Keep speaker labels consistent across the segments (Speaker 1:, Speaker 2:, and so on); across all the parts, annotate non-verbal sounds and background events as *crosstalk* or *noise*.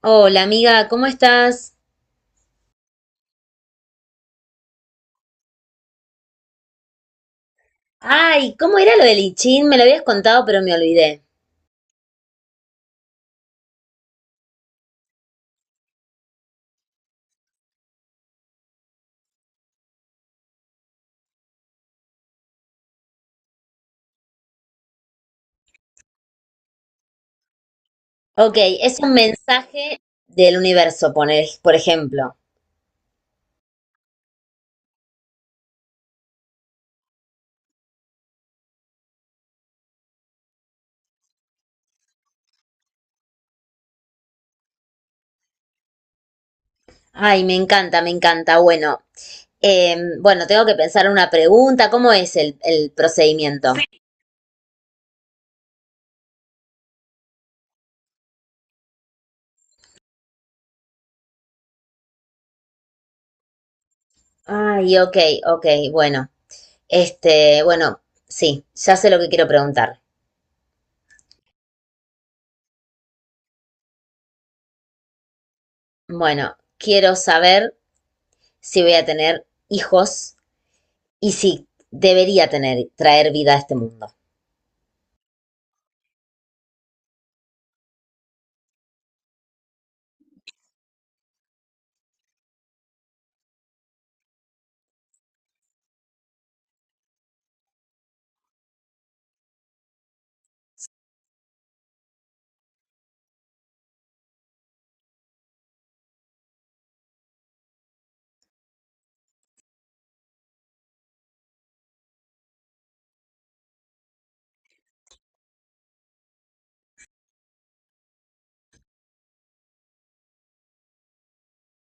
Speaker 1: Hola amiga, ¿cómo estás? Ay, ¿cómo era lo del I Ching? Me lo habías contado, pero me olvidé. Ok, es un mensaje del universo, por ejemplo. Ay, me encanta, me encanta. Bueno, bueno, tengo que pensar una pregunta. ¿Cómo es el procedimiento? Sí. Ay, ok, ok, bueno. Este, bueno, sí, ya sé lo que quiero preguntar. Bueno, quiero saber si voy a tener hijos y si debería tener, traer vida a este mundo.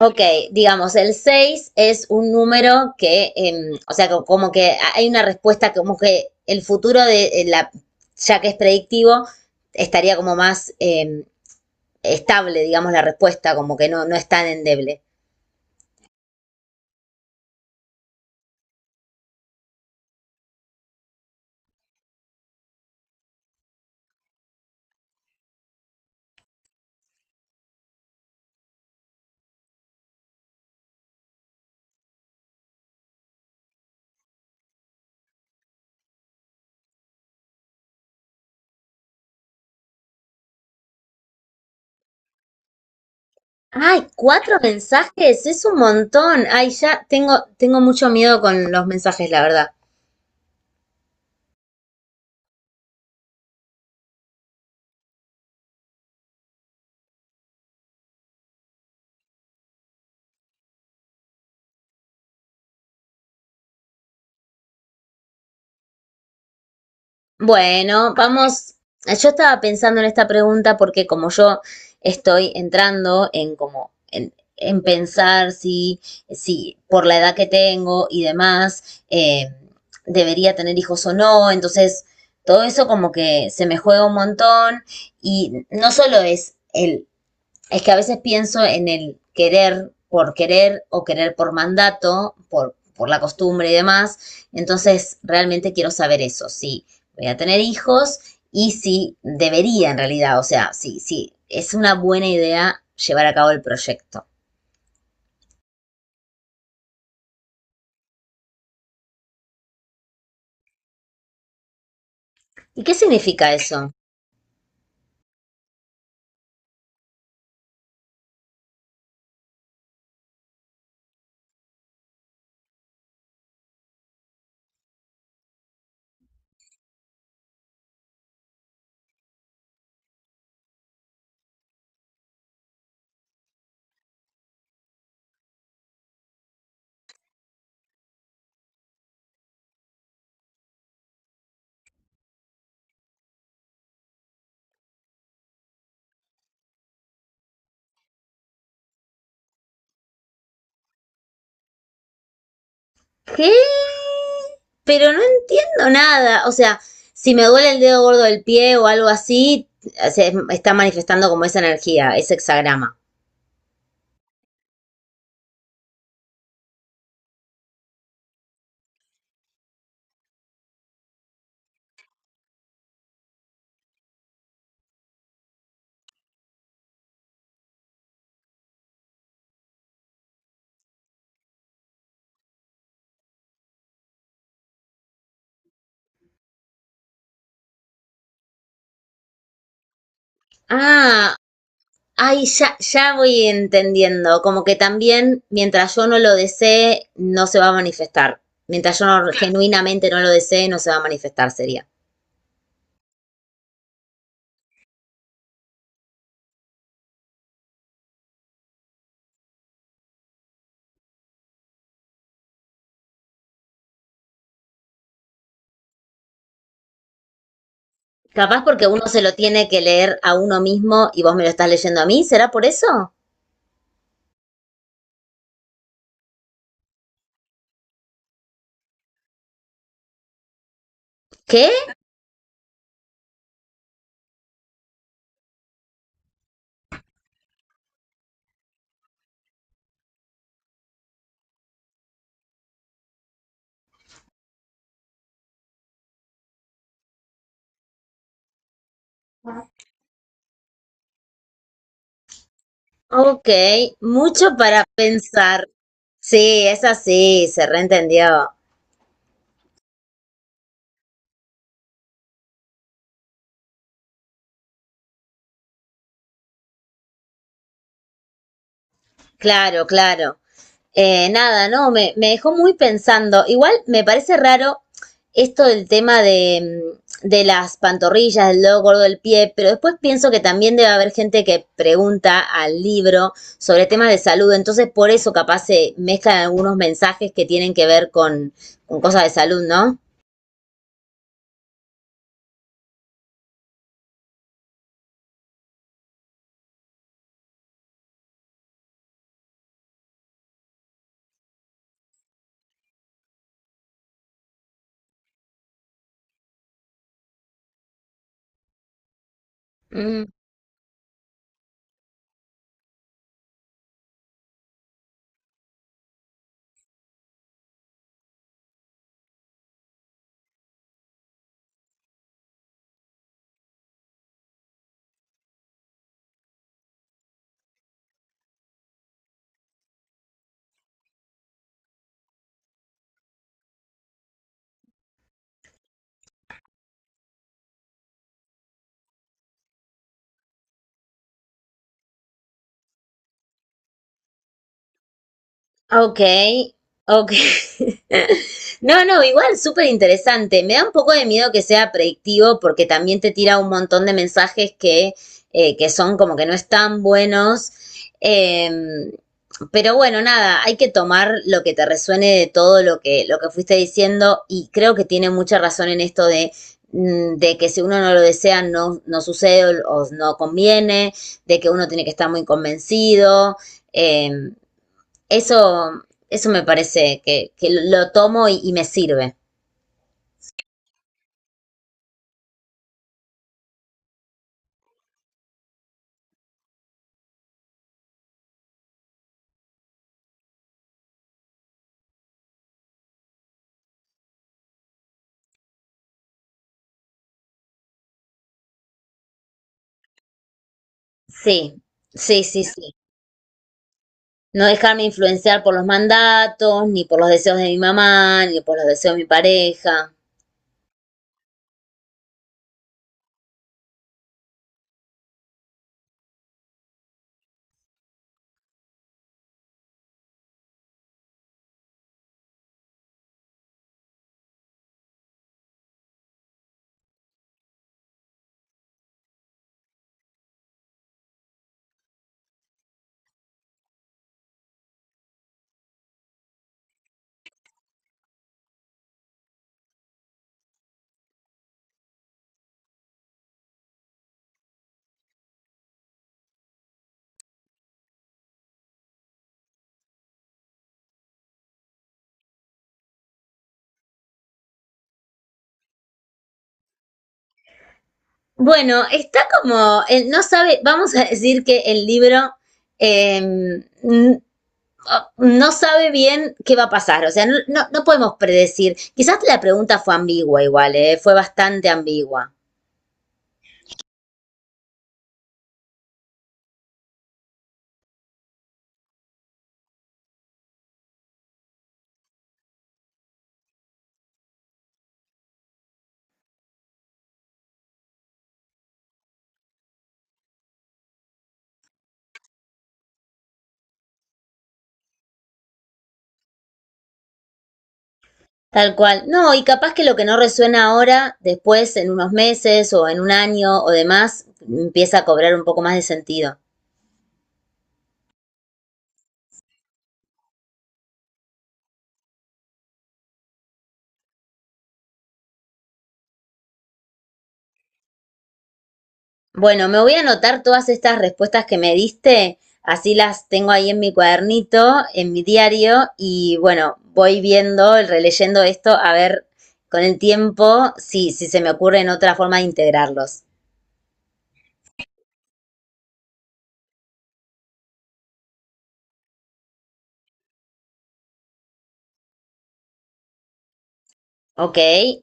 Speaker 1: Ok, digamos, el 6 es un número que, o sea, como que hay una respuesta como que el futuro de la, ya que es predictivo, estaría como más estable, digamos, la respuesta, como que no, no es tan endeble. Ay, 4 mensajes, es un montón. Ay, ya tengo, tengo mucho miedo con los mensajes, la verdad. Bueno, vamos. Yo estaba pensando en esta pregunta porque como yo estoy entrando en como en pensar si, si por la edad que tengo y demás, debería tener hijos o no. Entonces, todo eso como que se me juega un montón. Y no solo es el es que a veces pienso en el querer por querer o querer por mandato, por la costumbre y demás. Entonces, realmente quiero saber eso, si voy a tener hijos y si debería en realidad, o sea, si, si es una buena idea llevar a cabo el proyecto. ¿Y qué significa eso? ¿Qué? Pero no entiendo nada. O sea, si me duele el dedo gordo del pie o algo así, se está manifestando como esa energía, ese hexagrama. Ah, ay, ya, ya voy entendiendo, como que también mientras yo no lo desee, no se va a manifestar. Mientras yo no- Genuinamente no lo desee, no se va a manifestar, sería. Capaz porque uno se lo tiene que leer a uno mismo y vos me lo estás leyendo a mí, ¿será por eso? ¿Qué? Ok, mucho para pensar. Sí, es así, se reentendió. Claro, claro. Nada, no, me dejó muy pensando. Igual me parece raro esto del tema de, de las pantorrillas, del dedo gordo del pie, pero después pienso que también debe haber gente que pregunta al libro sobre temas de salud, entonces por eso capaz se mezclan algunos mensajes que tienen que ver con cosas de salud, ¿no? Mm. Ok, ok. *laughs* No, no, igual súper interesante. Me da un poco de miedo que sea predictivo porque también te tira un montón de mensajes que son como que no están buenos. Em, pero bueno, nada, hay que tomar lo que te resuene de todo lo que fuiste diciendo y creo que tiene mucha razón en esto de, de que si uno no lo desea no, no sucede o no conviene, de que uno tiene que estar muy convencido. Em, Eso, eso me parece que lo tomo y me sirve. Sí, sí, sí, sí. No dejarme influenciar por los mandatos, ni por los deseos de mi mamá, ni por los deseos de mi pareja. Bueno, está como, no sabe, vamos a decir que el libro eh, n- no sabe bien qué va a pasar, o sea, no, no, no podemos predecir. Quizás la pregunta fue ambigua igual, fue bastante ambigua. Tal cual. No, y capaz que lo que no resuena ahora, después, en unos meses o en un año o demás, empieza a cobrar un poco más de sentido. Bueno, me voy a anotar todas estas respuestas que me diste, así las tengo ahí en mi cuadernito, en mi diario, y bueno, voy viendo, releyendo esto, a ver con el tiempo si, si se me ocurre en otra forma de integrarlos. Ok,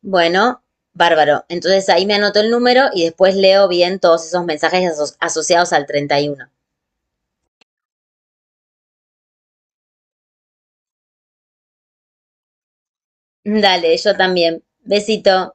Speaker 1: bueno, bárbaro. Entonces ahí me anoto el número y después leo bien todos esos mensajes asociados al 31. Dale, yo también. Besito.